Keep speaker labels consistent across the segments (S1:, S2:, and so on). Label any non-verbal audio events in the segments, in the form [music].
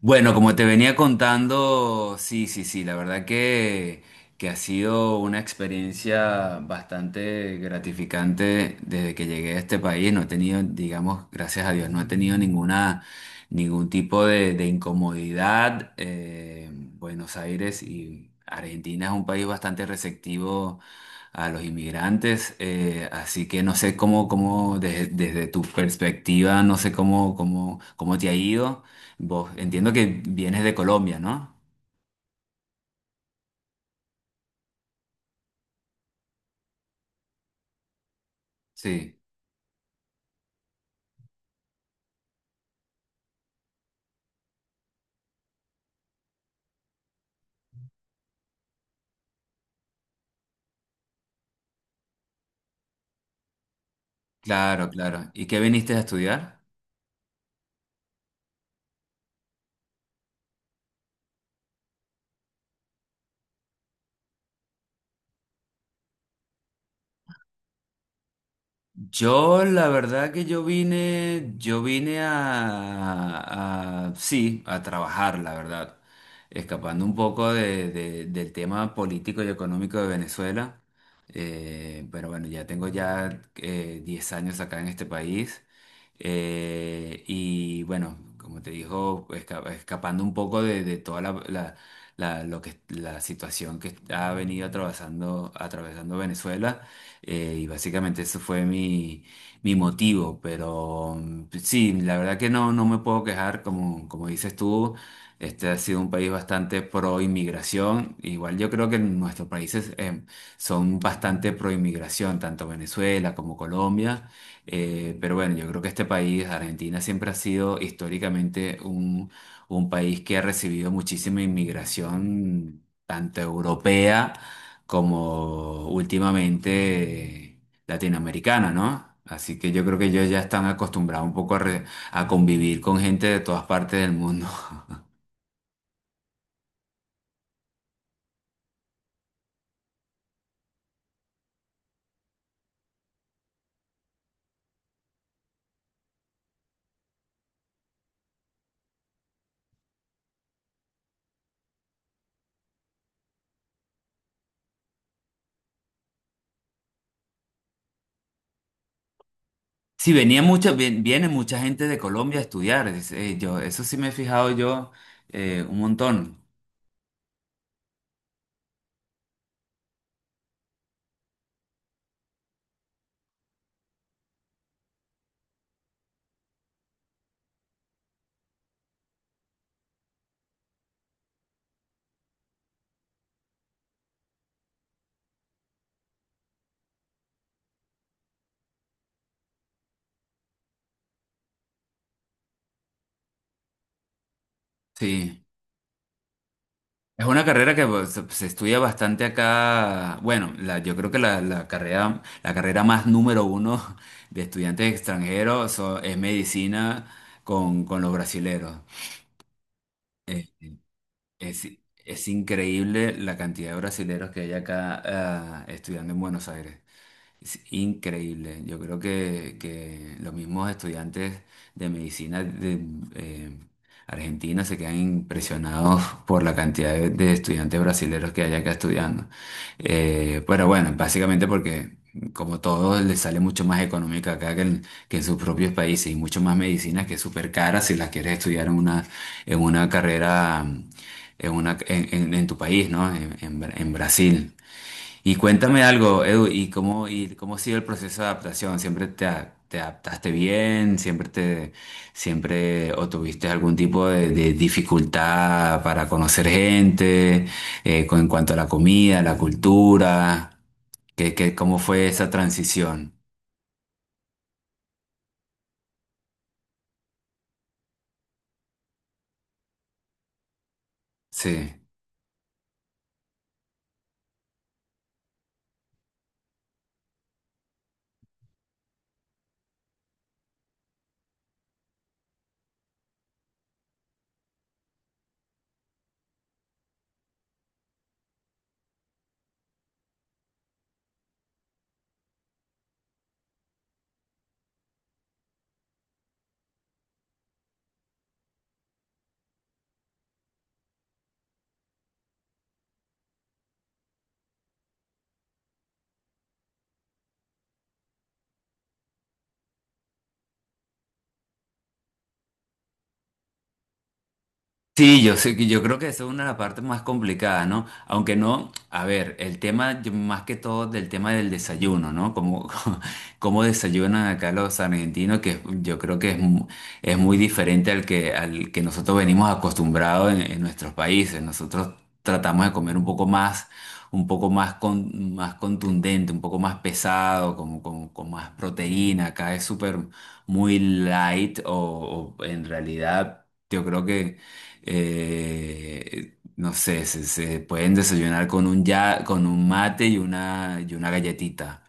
S1: Bueno, como te venía contando, sí, sí, sí, la verdad que ha sido una experiencia bastante gratificante desde que llegué a este país. No he tenido, digamos, gracias a Dios, no he tenido ningún tipo de incomodidad. Buenos Aires y Argentina es un país bastante receptivo a los inmigrantes, así que no sé cómo, cómo desde tu perspectiva, no sé cómo, cómo, cómo te ha ido. Vos, entiendo que vienes de Colombia, ¿no? Sí, claro, claro. ¿Y qué viniste a estudiar? Yo, la verdad que yo vine a, sí, a trabajar, la verdad, escapando un poco del tema político y económico de Venezuela. Pero bueno, ya tengo ya 10 años acá en este país. Y bueno, como te dijo, escapando un poco de toda lo que, la situación que ha venido atravesando, atravesando Venezuela. Y básicamente eso fue mi motivo, pero pues sí, la verdad que no, no me puedo quejar, como, como dices tú, este ha sido un país bastante pro inmigración, igual yo creo que nuestros países son bastante pro inmigración, tanto Venezuela como Colombia. Pero bueno, yo creo que este país, Argentina, siempre ha sido históricamente un país que ha recibido muchísima inmigración, tanto europea, como últimamente latinoamericana, ¿no? Así que yo creo que ellos ya están acostumbrados un poco a convivir con gente de todas partes del mundo. [laughs] Sí, viene mucha gente de Colombia a estudiar. Yo, eso sí me he fijado yo un montón. Sí. Es una carrera que pues, se estudia bastante acá. Bueno, yo creo que la carrera más número uno de estudiantes extranjeros es medicina con los brasileros. Eh, Es, es increíble la cantidad de brasileros que hay acá ah, estudiando en Buenos Aires. Es increíble. Yo creo que los mismos estudiantes de medicina de eh, Argentina se quedan impresionados por la cantidad de estudiantes brasileños que hay acá estudiando. Pero bueno, básicamente porque como todo les sale mucho más económica acá que en sus propios países y mucho más medicinas que es súper cara si las quieres estudiar en una carrera en tu país, ¿no? En en Brasil. Y cuéntame algo, Edu, y cómo ha sido el proceso de adaptación? ¿Siempre te adaptaste bien? ¿Siempre te, siempre o tuviste algún tipo de dificultad para conocer gente, con, en cuanto a la comida, la cultura? Cómo fue esa transición? Sí. Sí, yo sé que yo creo que eso es una de las partes más complicadas, ¿no? Aunque no, a ver, el tema más que todo del tema del desayuno, ¿no? Como [laughs] cómo desayunan acá los argentinos, que yo creo que es muy diferente al que nosotros venimos acostumbrados en nuestros países. Nosotros tratamos de comer un poco más con, más contundente, un poco más pesado, como con más proteína. Acá es súper muy light o en realidad yo creo que no sé, se pueden desayunar con un, ya, con un mate y una galletita.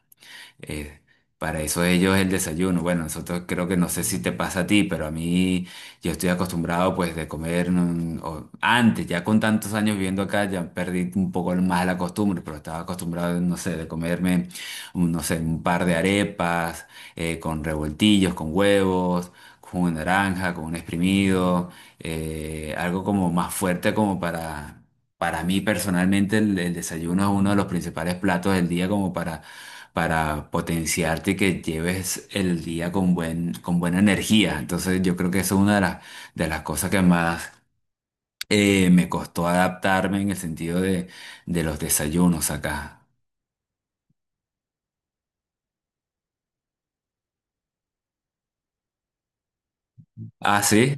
S1: Eh, para eso ellos el desayuno. Bueno, nosotros creo que no sé si te pasa a ti, pero a mí yo estoy acostumbrado pues de comer antes, ya con tantos años viviendo acá, ya perdí un poco más la costumbre, pero estaba acostumbrado, no sé, de comerme, no sé, un par de arepas con revoltillos, con huevos. Con una naranja, con un exprimido, algo como más fuerte como para mí personalmente el desayuno es uno de los principales platos del día como para potenciarte y que lleves el día con con buena energía. Entonces yo creo que eso es una de las cosas que más me costó adaptarme en el sentido de los desayunos acá. Ah, sí.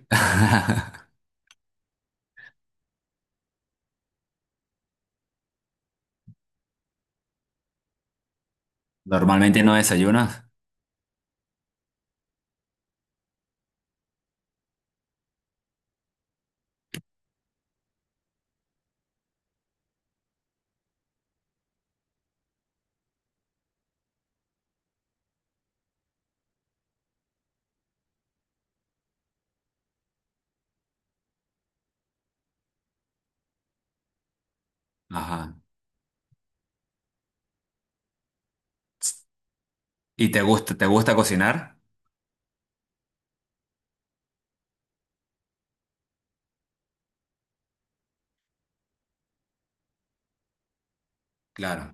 S1: [laughs] Normalmente no desayunas. Ajá. ¿Y te gusta cocinar? Claro.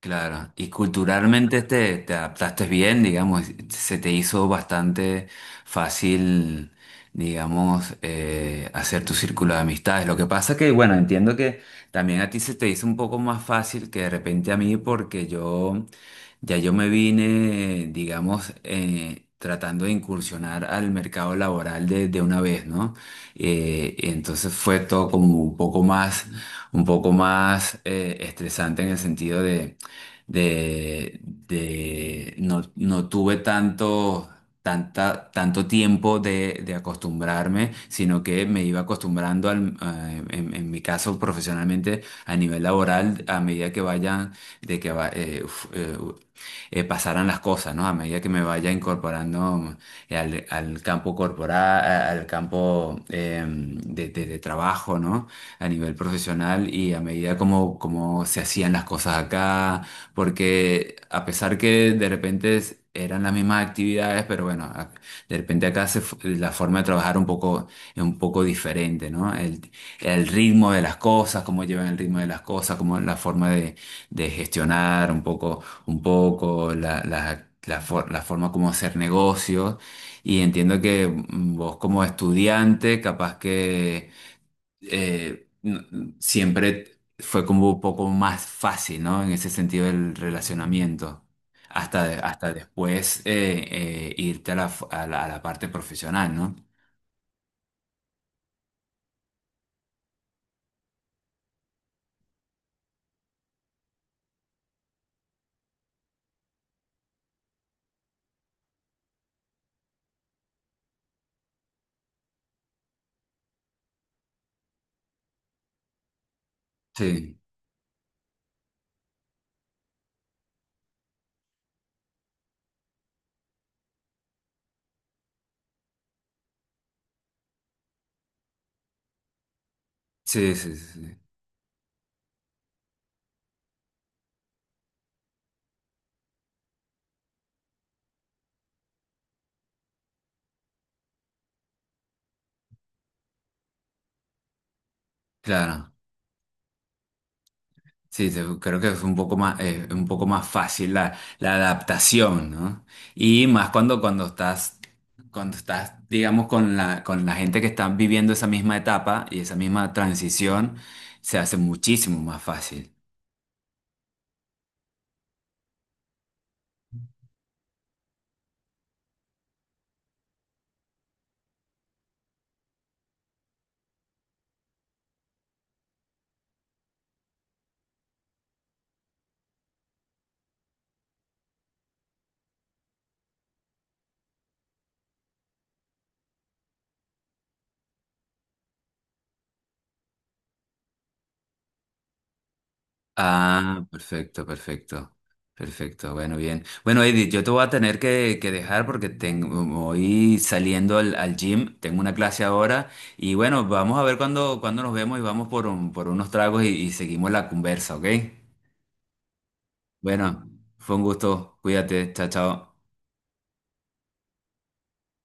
S1: Claro, y culturalmente te adaptaste bien, digamos, se te hizo bastante fácil, digamos, hacer tu círculo de amistades. Lo que pasa que, bueno, entiendo que también a ti se te hizo un poco más fácil que de repente a mí, porque yo me vine, digamos, tratando de incursionar al mercado laboral de una vez, ¿no? Y entonces fue todo como un poco más estresante en el sentido no, no tuve tanto, tanto tiempo de acostumbrarme, sino que me iba acostumbrando en mi caso profesionalmente a nivel laboral a medida que vayan, de que va- uf, u- pasaran las cosas, ¿no? A medida que me vaya incorporando al campo corporal, al campo de trabajo, ¿no? A nivel profesional y a medida como, como se hacían las cosas acá, porque a pesar que de repente eran las mismas actividades, pero bueno, de repente acá la forma de trabajar un poco, es un poco diferente, ¿no? El ritmo de las cosas, cómo llevan el ritmo de las cosas, cómo la forma de gestionar un poco, la forma como hacer negocios. Y entiendo que vos como estudiante, capaz que eh, no- siempre fue como un poco más fácil, ¿no? En ese sentido del relacionamiento. Hasta después irte a la, f- a la parte profesional, ¿no? Sí, sí, sí, sí, sí. Claro. Sí, creo que es un poco más fácil la adaptación, ¿no? Y más cuando, cuando estás, digamos, con la gente que está viviendo esa misma etapa y esa misma transición, se hace muchísimo más fácil. Ah, perfecto, perfecto. Perfecto, bueno, bien. Bueno, Edith, yo te voy a tener que dejar porque tengo, voy saliendo al, al gym, tengo una clase ahora y bueno, vamos a ver cuándo cuándo nos vemos y vamos por, por unos tragos y seguimos la conversa, ¿ok? Bueno, fue un gusto, cuídate, chao, chao.